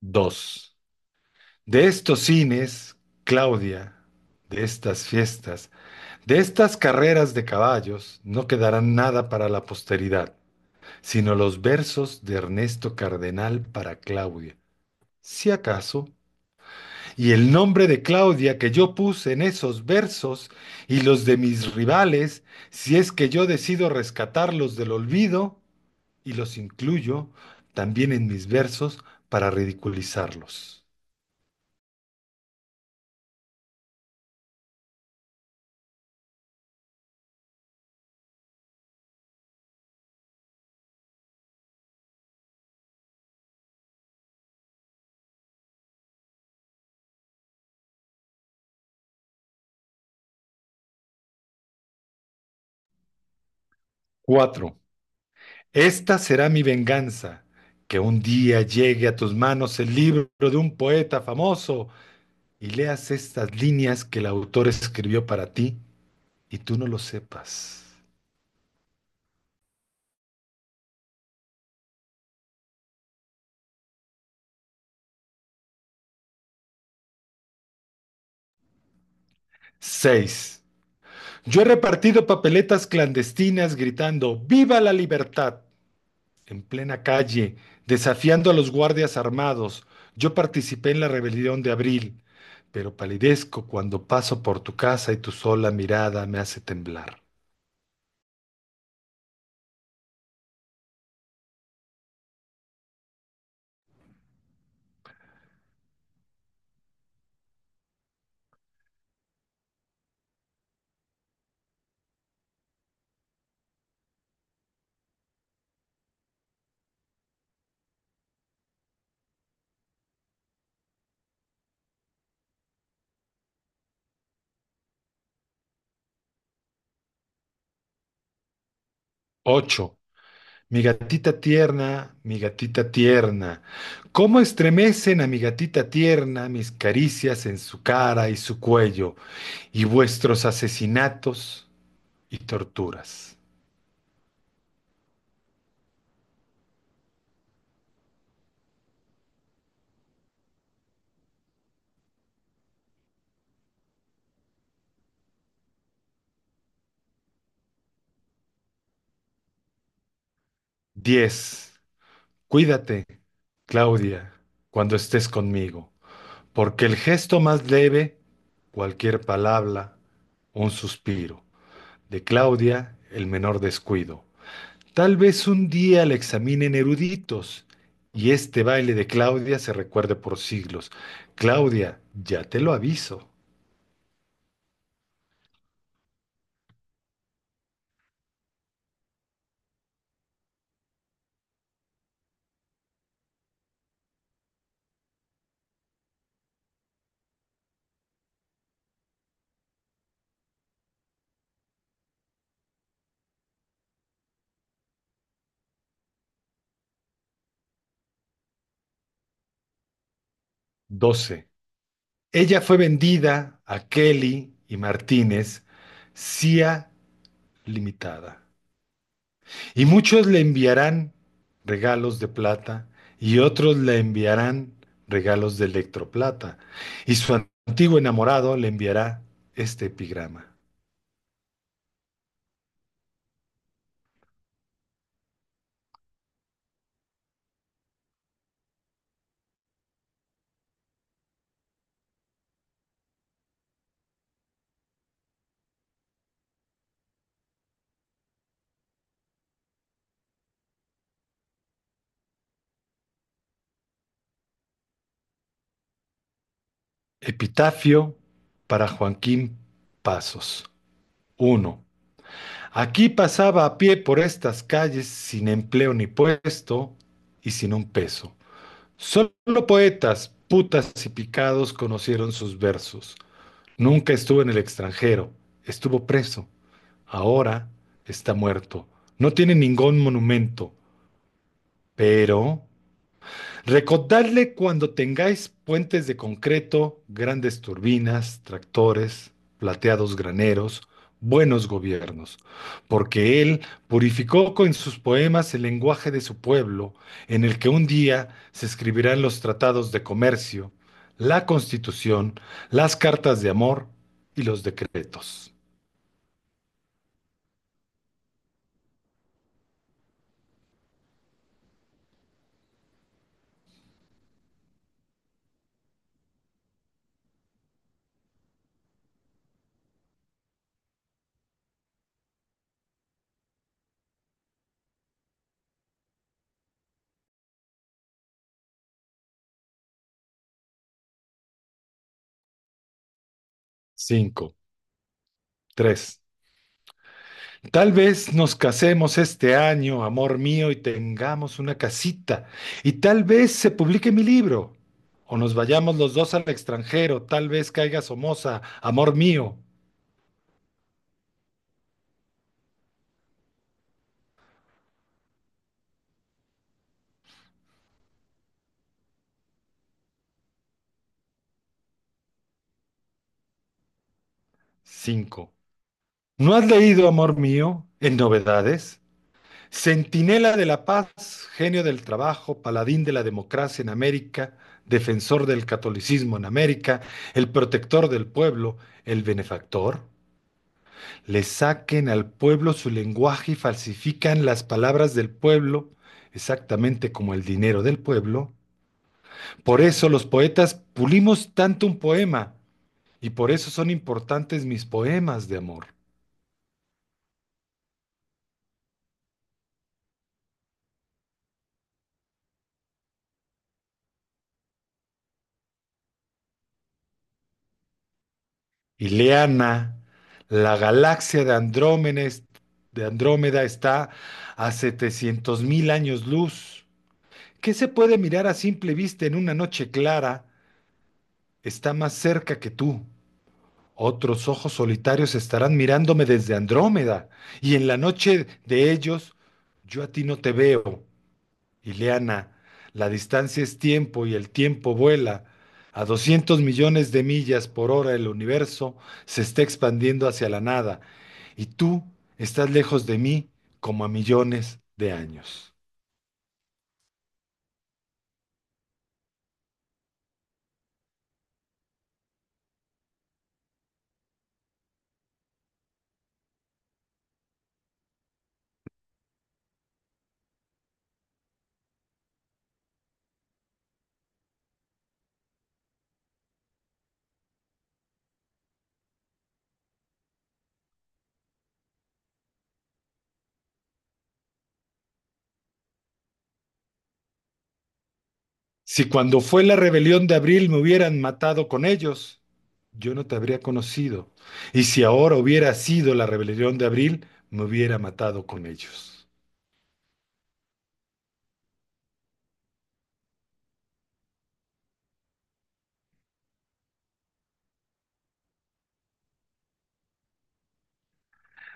Dos. De estos cines, Claudia, de estas fiestas, de estas carreras de caballos, no quedará nada para la posteridad, sino los versos de Ernesto Cardenal para Claudia, si acaso, y el nombre de Claudia que yo puse en esos versos y los de mis rivales, si es que yo decido rescatarlos del olvido y los incluyo también en mis versos para ridiculizarlos. Cuatro. Esta será mi venganza, que un día llegue a tus manos el libro de un poeta famoso y leas estas líneas que el autor escribió para ti y tú no lo sepas. 6. Yo he repartido papeletas clandestinas gritando ¡Viva la libertad! En plena calle, desafiando a los guardias armados. Yo participé en la rebelión de abril, pero palidezco cuando paso por tu casa y tu sola mirada me hace temblar. 8. Mi gatita tierna, cómo estremecen a mi gatita tierna mis caricias en su cara y su cuello, y vuestros asesinatos y torturas. 10, cuídate, Claudia, cuando estés conmigo, porque el gesto más leve, cualquier palabra, un suspiro, de Claudia, el menor descuido. Tal vez un día la examinen eruditos y este baile de Claudia se recuerde por siglos. Claudia, ya te lo aviso. 12. Ella fue vendida a Kelly y Martínez, CIA Limitada. Y muchos le enviarán regalos de plata y otros le enviarán regalos de electroplata. Y su antiguo enamorado le enviará este epigrama. Epitafio para Joaquín Pasos. Uno. Aquí pasaba a pie por estas calles sin empleo ni puesto y sin un peso. Solo poetas, putas y picados conocieron sus versos. Nunca estuvo en el extranjero, estuvo preso. Ahora está muerto. No tiene ningún monumento, pero recordadle cuando tengáis puentes de concreto, grandes turbinas, tractores, plateados graneros, buenos gobiernos, porque él purificó con sus poemas el lenguaje de su pueblo, en el que un día se escribirán los tratados de comercio, la constitución, las cartas de amor y los decretos. 5, 3, tal vez nos casemos este año, amor mío, y tengamos una casita. Y tal vez se publique mi libro. O nos vayamos los dos al extranjero. Tal vez caiga Somoza, amor mío. 5. ¿No has leído, amor mío, en novedades? Centinela de la paz, genio del trabajo, paladín de la democracia en América, defensor del catolicismo en América, el protector del pueblo, el benefactor. Le saquen al pueblo su lenguaje y falsifican las palabras del pueblo, exactamente como el dinero del pueblo. Por eso los poetas pulimos tanto un poema y por eso son importantes mis poemas de amor. Ileana, la galaxia de Andrómeda está a 700.000 años luz. ¿Qué se puede mirar a simple vista en una noche clara? Está más cerca que tú. Otros ojos solitarios estarán mirándome desde Andrómeda, y en la noche de ellos yo a ti no te veo, Ileana. La distancia es tiempo y el tiempo vuela. A 200.000.000 de millas por hora el universo se está expandiendo hacia la nada, y tú estás lejos de mí como a millones de años. Si cuando fue la rebelión de abril me hubieran matado con ellos, yo no te habría conocido. Y si ahora hubiera sido la rebelión de abril, me hubiera matado con ellos.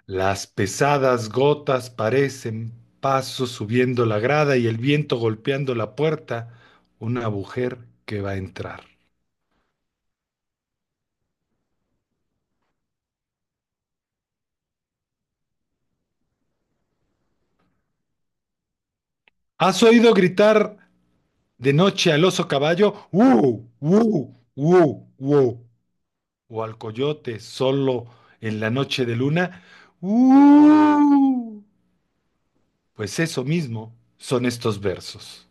Las pesadas gotas parecen pasos subiendo la grada y el viento golpeando la puerta, una mujer que va a entrar. ¿Has oído gritar de noche al oso caballo? ¡Uh! ¡Uh! ¡Uh! ¡Uh! ¡Uh! O al coyote solo en la noche de luna. ¡Uh! Pues eso mismo son estos versos.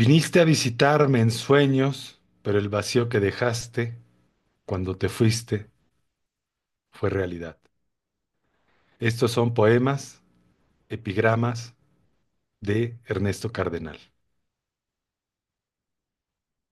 Viniste a visitarme en sueños, pero el vacío que dejaste cuando te fuiste fue realidad. Estos son poemas, epigramas de Ernesto Cardenal.